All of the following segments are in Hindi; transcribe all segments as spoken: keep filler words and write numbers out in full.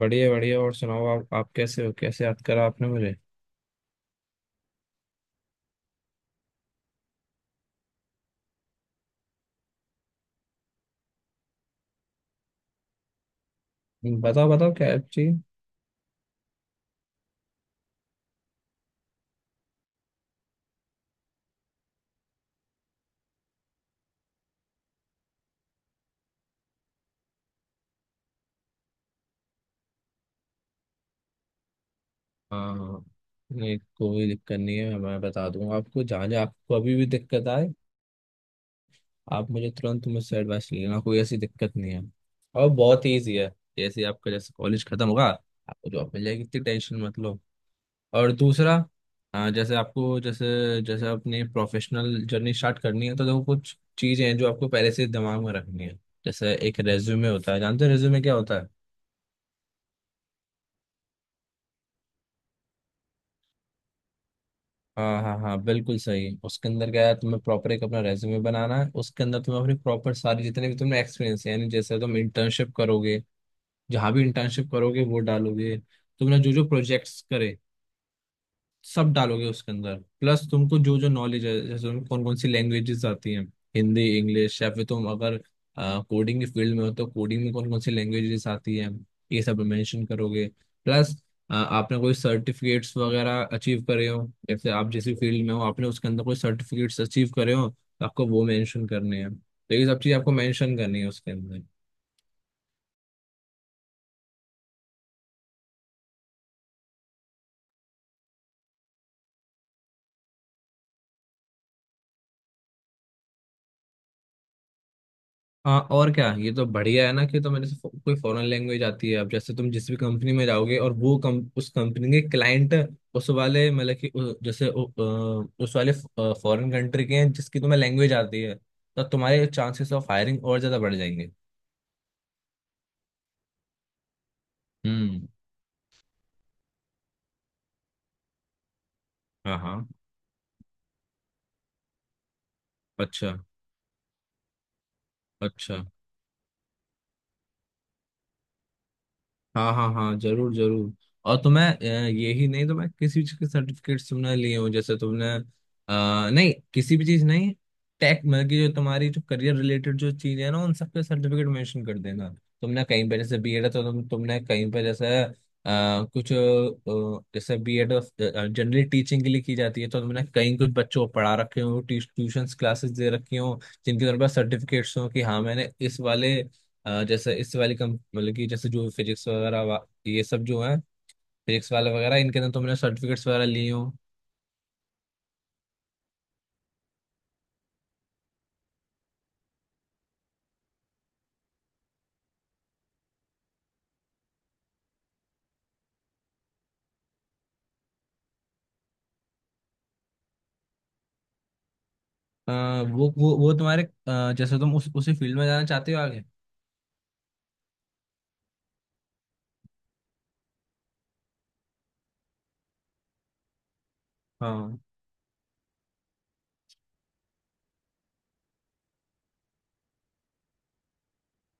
बढ़िया बढ़िया। और सुनाओ, आप आप कैसे हो? कैसे याद करा आपने मुझे? बताओ बताओ, क्या हेल्प चाहिए? हाँ, नहीं कोई दिक्कत नहीं है। मैं बता दूंगा आपको। जहाँ जहाँ आपको अभी भी दिक्कत आए, आप मुझे तुरंत मुझसे एडवाइस ले लेना। कोई ऐसी दिक्कत नहीं है। और बहुत ईजी है। जैसे आपका जैसे कॉलेज खत्म होगा, आपको जॉब मिल जाएगी, इतनी टेंशन मत लो। और दूसरा, हाँ। जैसे आपको जैसे जैसे अपनी प्रोफेशनल जर्नी स्टार्ट करनी है, तो देखो, कुछ चीज़ें हैं जो आपको पहले से दिमाग में रखनी है। जैसे एक रेज्यूमे होता है। जानते हो रेज्यूमे क्या होता है? हाँ हाँ हाँ, बिल्कुल सही। उसके अंदर क्या है, तुम्हें प्रॉपर एक अपना रेज्यूमे बनाना है। उसके अंदर तुम्हें अपनी प्रॉपर सारी, जितने भी तुमने एक्सपीरियंस है, यानी जैसे तुम इंटर्नशिप करोगे, जहाँ भी इंटर्नशिप करोगे वो डालोगे। तुमने जो जो प्रोजेक्ट्स करे, सब डालोगे उसके अंदर। प्लस तुमको जो जो नॉलेज है, जैसे तुम्हें कौन कौन सी लैंग्वेजेस आती हैं, हिंदी, इंग्लिश, या फिर तुम अगर कोडिंग के फील्ड में हो तो कोडिंग में कौन कौन सी लैंग्वेजेस आती हैं, ये सब मेंशन करोगे। प्लस आपने कोई सर्टिफिकेट्स वगैरह अचीव करे हो, जैसे आप जैसी फील्ड में हो, आपने उसके अंदर कोई सर्टिफिकेट्स अचीव करे हो तो आपको वो मेंशन करने हैं। तो ये सब चीज़ आपको मेंशन करनी है उसके अंदर। हाँ, और क्या! ये तो बढ़िया है ना कि, तो मेरे से फो, कोई फॉरेन लैंग्वेज आती है। अब जैसे तुम जिस भी कंपनी में जाओगे, और वो कम, उस कंपनी के क्लाइंट, उस वाले मतलब कि उ- जैसे उ, अ, उस वाले फॉरेन कंट्री के हैं जिसकी तुम्हें लैंग्वेज आती है, तो तुम्हारे चांसेस ऑफ हायरिंग और ज्यादा बढ़ जाएंगे। हम्म। हाँ हाँ। अच्छा। अच्छा। हाँ हाँ हाँ, जरूर जरूर। और तुम्हें अ, ये ही नहीं, तो मैं किसी चीज के सर्टिफिकेट्स तुमने लिए हो, जैसे तुमने आ, नहीं, किसी भी चीज नहीं। टेक मतलब कि जो तुम्हारी, जो करियर रिलेटेड जो चीज है ना, उन सबके सर्टिफिकेट मेंशन कर देना। तुमने कहीं पे जैसे बीएड है, तो तुम तुमने कहीं पे जैसे आ, कुछ अ, जैसे बीएड जनरली टीचिंग के लिए की जाती है, तो तुमने कहीं कुछ बच्चों को पढ़ा रखे हो, ट्यूशंस क्लासेस दे रखी हो, जिनके तुम्हारे पास सर्टिफिकेट्स हो कि हाँ मैंने इस वाले अ, जैसे इस वाली कम, मतलब कि जैसे जो फिजिक्स वगैरह वा- ये सब जो है, फिजिक्स वाले वगैरह, इनके अंदर तुमने सर्टिफिकेट्स वगैरह लिए हो। अ, वो वो वो तुम्हारे अ, जैसे तुम उस उसी फील्ड में जाना चाहते हो आगे? हाँ।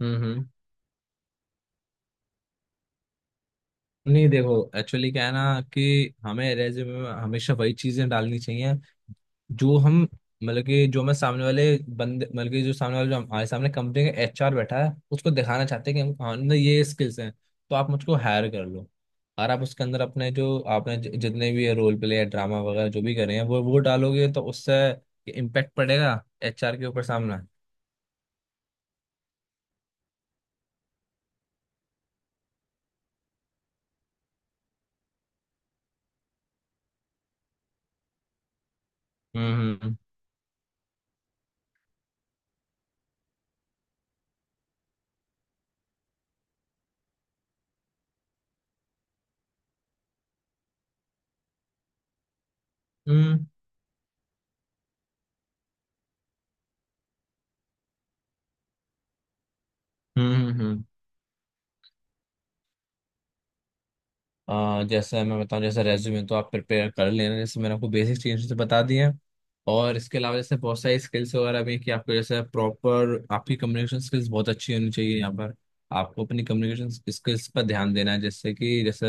हम्म हम्म। नहीं देखो, एक्चुअली क्या है ना कि हमें रेज्यूमे में हमेशा वही चीजें डालनी चाहिए, जो हम, मतलब कि जो मैं सामने वाले बंदे, मतलब कि जो सामने वाले, जो हमारे सामने कंपनी का एचआर बैठा है, उसको दिखाना चाहते हैं कि हम हमने ये स्किल्स हैं, तो आप मुझको हायर कर लो। और आप उसके अंदर अपने, जो आपने जि- जितने भी रोल प्ले या ड्रामा वगैरह जो भी करे हैं, वो वो डालोगे, तो उससे इम्पेक्ट पड़ेगा एचआर के ऊपर, सामना। हम्म। हम्म। हम्म। हम्म। हम्म, हम्म। अ, जैसे मैं बताऊं, जैसे रेज्यूमे तो आप प्रिपेयर कर लेना, जैसे मैंने आपको बेसिक चीज़ें तो बता दी हैं। और इसके अलावा जैसे बहुत सारी स्किल्स वगैरह भी हैं कि आपको जैसे प्रॉपर, आपकी कम्युनिकेशन स्किल्स बहुत अच्छी होनी चाहिए यहाँ पर। आपको अपनी कम्युनिकेशन स्किल्स पर ध्यान देना है। जैसे कि जैसे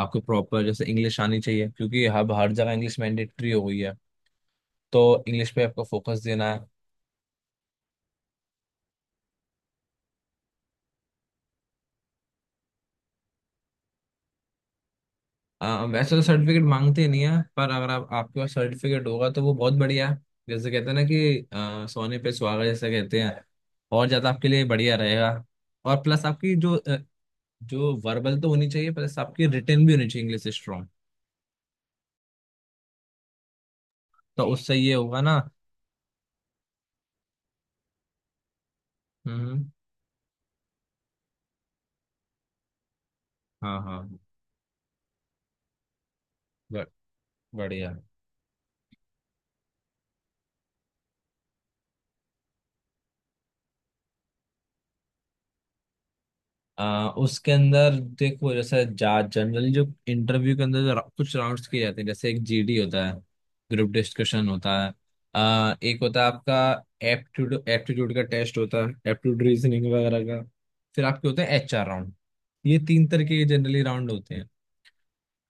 आपको प्रॉपर, जैसे इंग्लिश आनी चाहिए, क्योंकि हब हर जगह इंग्लिश मैंडेटरी हो गई है, तो इंग्लिश पे आपको फोकस देना है। आ, वैसे तो सर्टिफिकेट मांगते नहीं है, पर अगर आप आपके पास सर्टिफिकेट होगा तो वो बहुत बढ़िया है। जैसे कहते हैं ना कि आ, सोने पे सुहागा, जैसे कहते हैं, और ज्यादा आपके लिए बढ़िया रहेगा। और प्लस आपकी जो अ, जो वर्बल तो होनी चाहिए, प्लस आपकी रिटर्न भी होनी चाहिए, इंग्लिश स्ट्रांग, तो उससे ये होगा ना। हम्म। हाँ हाँ। ब- बढ़िया। आ, उसके अंदर देखो, जैसे जा जनरली जो इंटरव्यू के अंदर जो रा- कुछ राउंड्स किए जाते हैं, जैसे एक जीडी होता है, ग्रुप डिस्कशन होता है। आ, एक होता है आपका एप्टीट्यूड एप्टीट्यूड का टेस्ट होता है, एप्टीट्यूड रीजनिंग वगैरह का। फिर आपके होते हैं एचआर राउंड। ये तीन तरह के जनरली राउंड होते हैं।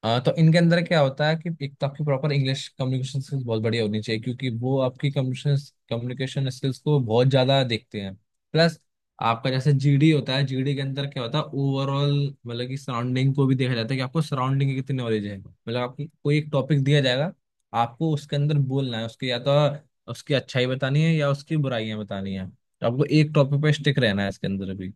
हाँ, तो इनके अंदर क्या होता है कि एक तो आपकी प्रॉपर इंग्लिश कम्युनिकेशन स्किल्स बहुत बढ़िया होनी चाहिए, क्योंकि वो आपकी कम्युनिकेशन कम्युनिकेशन स्किल्स को बहुत ज्यादा देखते हैं। प्लस आपका जैसे जीडी होता है, जीडी के अंदर क्या होता है, ओवरऑल मतलब कि सराउंडिंग को भी देखा जाता है कि आपको सराउंडिंग की कितनी नॉलेज है। मतलब आपको कोई एक टॉपिक दिया जाएगा, आपको उसके अंदर बोलना है, उसकी, या तो उसकी अच्छाई बतानी है या उसकी बुराइयां बतानी है। तो आपको एक टॉपिक पे स्टिक रहना है इसके अंदर भी।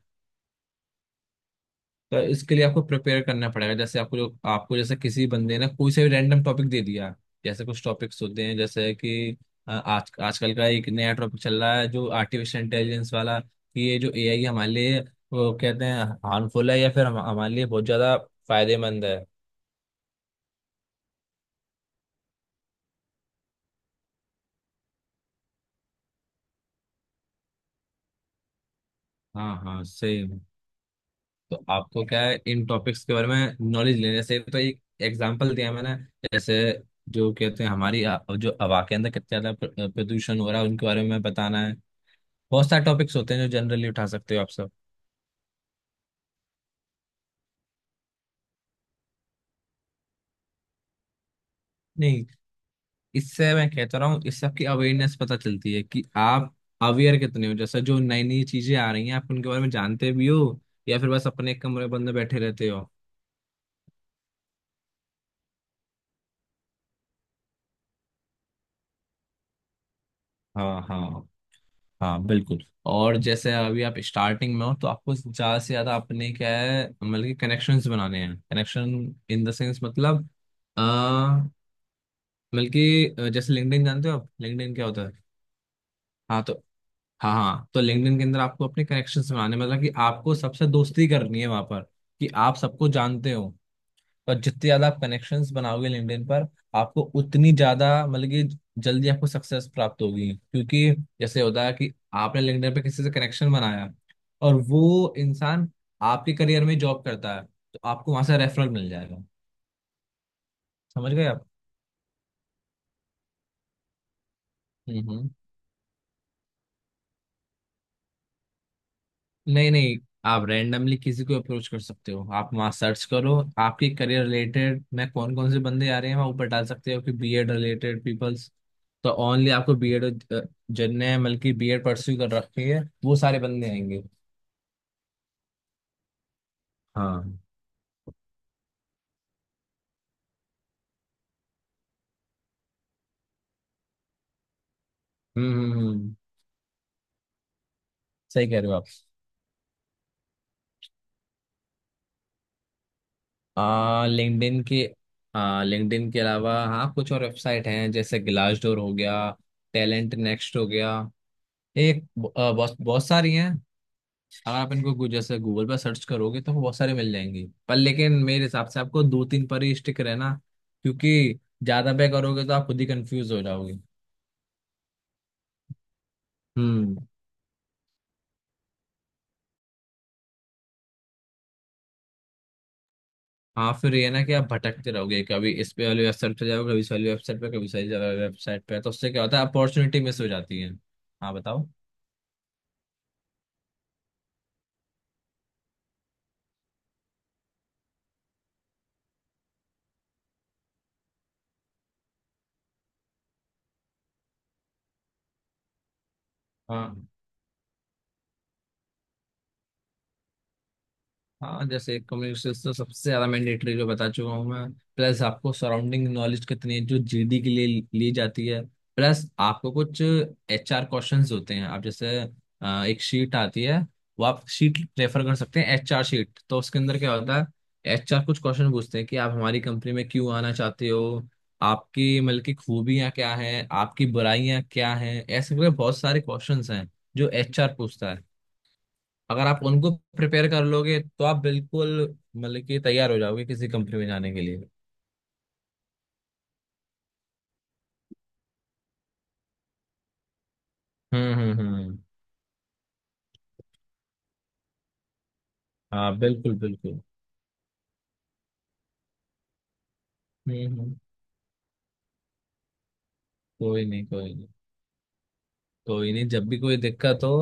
तो इसके लिए आपको प्रिपेयर करना पड़ेगा। जैसे आपको, जो आपको, जैसे किसी बंदे ने कोई से भी रैंडम टॉपिक दे दिया, जैसे कुछ टॉपिक्स होते हैं जैसे कि अ, आज आजकल का एक नया टॉपिक चल रहा है, जो आर्टिफिशियल इंटेलिजेंस वाला, कि ये जो एआई हमारे लिए, वो कहते हैं हार्मफुल है या फिर हम, हमारे लिए बहुत ज्यादा फायदेमंद है। हाँ हाँ, सेम। तो आपको क्या है, इन टॉपिक्स के बारे में नॉलेज लेने से, तो एक एग्जांपल दिया मैंने। जैसे जो कहते हैं हमारी आ, जो हवा के अंदर कितना ज्यादा प्र- प्रदूषण हो रहा है, उनके बारे में बताना है। बहुत सारे टॉपिक्स होते हैं जो जनरली उठा सकते हो आप सब। नहीं, इससे, मैं कहता रहा हूँ, इससे आपकी अवेयरनेस पता चलती है कि आप अवेयर कितने हो। जैसे जो नई नई चीजें आ रही हैं, आप उनके बारे में जानते भी हो या फिर बस अपने एक कमरे बंद में बैठे रहते हो। हाँ हाँ हाँ, बिल्कुल। और जैसे अभी आप स्टार्टिंग में हो, तो आपको ज्यादा से ज्यादा अपने क्या है, मतलब कि कनेक्शंस बनाने हैं। कनेक्शन इन द सेंस मतलब अ, मतलब कि अ, जैसे लिंक्डइन। जानते हो आप लिंक्डइन क्या होता है? हाँ तो हाँ हाँ, तो लिंक्डइन के अंदर आपको अपने कनेक्शंस बनाने, मतलब कि आपको सबसे दोस्ती करनी है वहां पर, कि आप सबको जानते हो। पर जितने ज्यादा आप कनेक्शंस बनाओगे लिंक्डइन पर, आपको उतनी ज्यादा, मतलब कि जल्दी आपको सक्सेस प्राप्त होगी, क्योंकि जैसे होता है कि आपने लिंक्डइन पे किसी से कनेक्शन बनाया, और वो इंसान आपके करियर में जॉब करता है, तो आपको वहां से रेफरल मिल जाएगा। समझ गए आप? हम्म। नहीं नहीं, आप रैंडमली किसी को अप्रोच कर सकते हो, आप वहाँ सर्च करो, आपके करियर रिलेटेड मैं कौन कौन से बंदे आ रहे हैं, वहाँ ऊपर डाल सकते हो कि बीएड रिलेटेड पीपल्स, तो ओनली आपको बीएड, जिनने बल्कि बीएड परस्यू कर रखी है, वो सारे बंदे आएंगे। हाँ। हम्म हम्म हम्म, सही कह रहे हो आप। आ लिंक्डइन के आ लिंक्डइन के अलावा हाँ, कुछ और वेबसाइट हैं, जैसे ग्लासडोर हो गया, टैलेंट नेक्स्ट हो गया, एक ब- आ, बहुत बहुत सारी हैं। अगर आप इनको गू- जैसे गूगल पर सर्च करोगे तो बहुत सारे मिल जाएंगे, पर लेकिन मेरे हिसाब से आपको दो तीन पर ही स्टिक रहना, क्योंकि ज्यादा पे करोगे तो आप खुद ही कंफ्यूज हो जाओगे। हम्म। हाँ, फिर ये ना कि आप भटकते रहोगे, कभी इस पे वाली वेबसाइट पे जाओ, कभी इस वाली वेबसाइट पे, कभी इस वाली वेबसाइट पे, तो उससे क्या होता है, अपॉर्चुनिटी मिस हो जाती है। हाँ, बताओ। हाँ हाँ, जैसे कम्युनिकेशन तो सबसे ज्यादा मैंडेटरी, जो बता चुका हूँ मैं। प्लस आपको सराउंडिंग नॉलेज कितनी है, जो जीडी के लिए ली जाती है। प्लस आपको कुछ एचआर क्वेश्चंस होते हैं, आप जैसे अ, एक शीट आती है, वो आप शीट रेफर कर सकते हैं, एचआर शीट, तो उसके अंदर क्या होता है, एचआर कुछ क्वेश्चन पूछते हैं कि आप हमारी कंपनी में क्यों आना चाहते हो, आपकी मतलब की खूबियाँ क्या है, आपकी बुराइयाँ क्या है, ऐसे करके बहुत सारे क्वेश्चंस हैं जो एचआर पूछता है। अगर आप उनको प्रिपेयर कर लोगे तो आप बिल्कुल, मतलब कि तैयार हो जाओगे किसी कंपनी में जाने के लिए। हम्म हम्म हम्म। हाँ बिल्कुल बिल्कुल। हम्म हम्म। कोई नहीं कोई नहीं। कोई नहीं, जब भी कोई दिक्कत हो,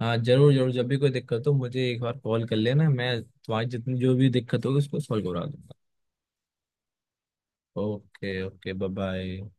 हाँ जरूर जरूर, जब भी कोई दिक्कत हो मुझे एक बार कॉल कर लेना, मैं तुम्हारी जितनी जो भी दिक्कत होगी उसको सॉल्व करा दूंगा। Okay okay, bye bye.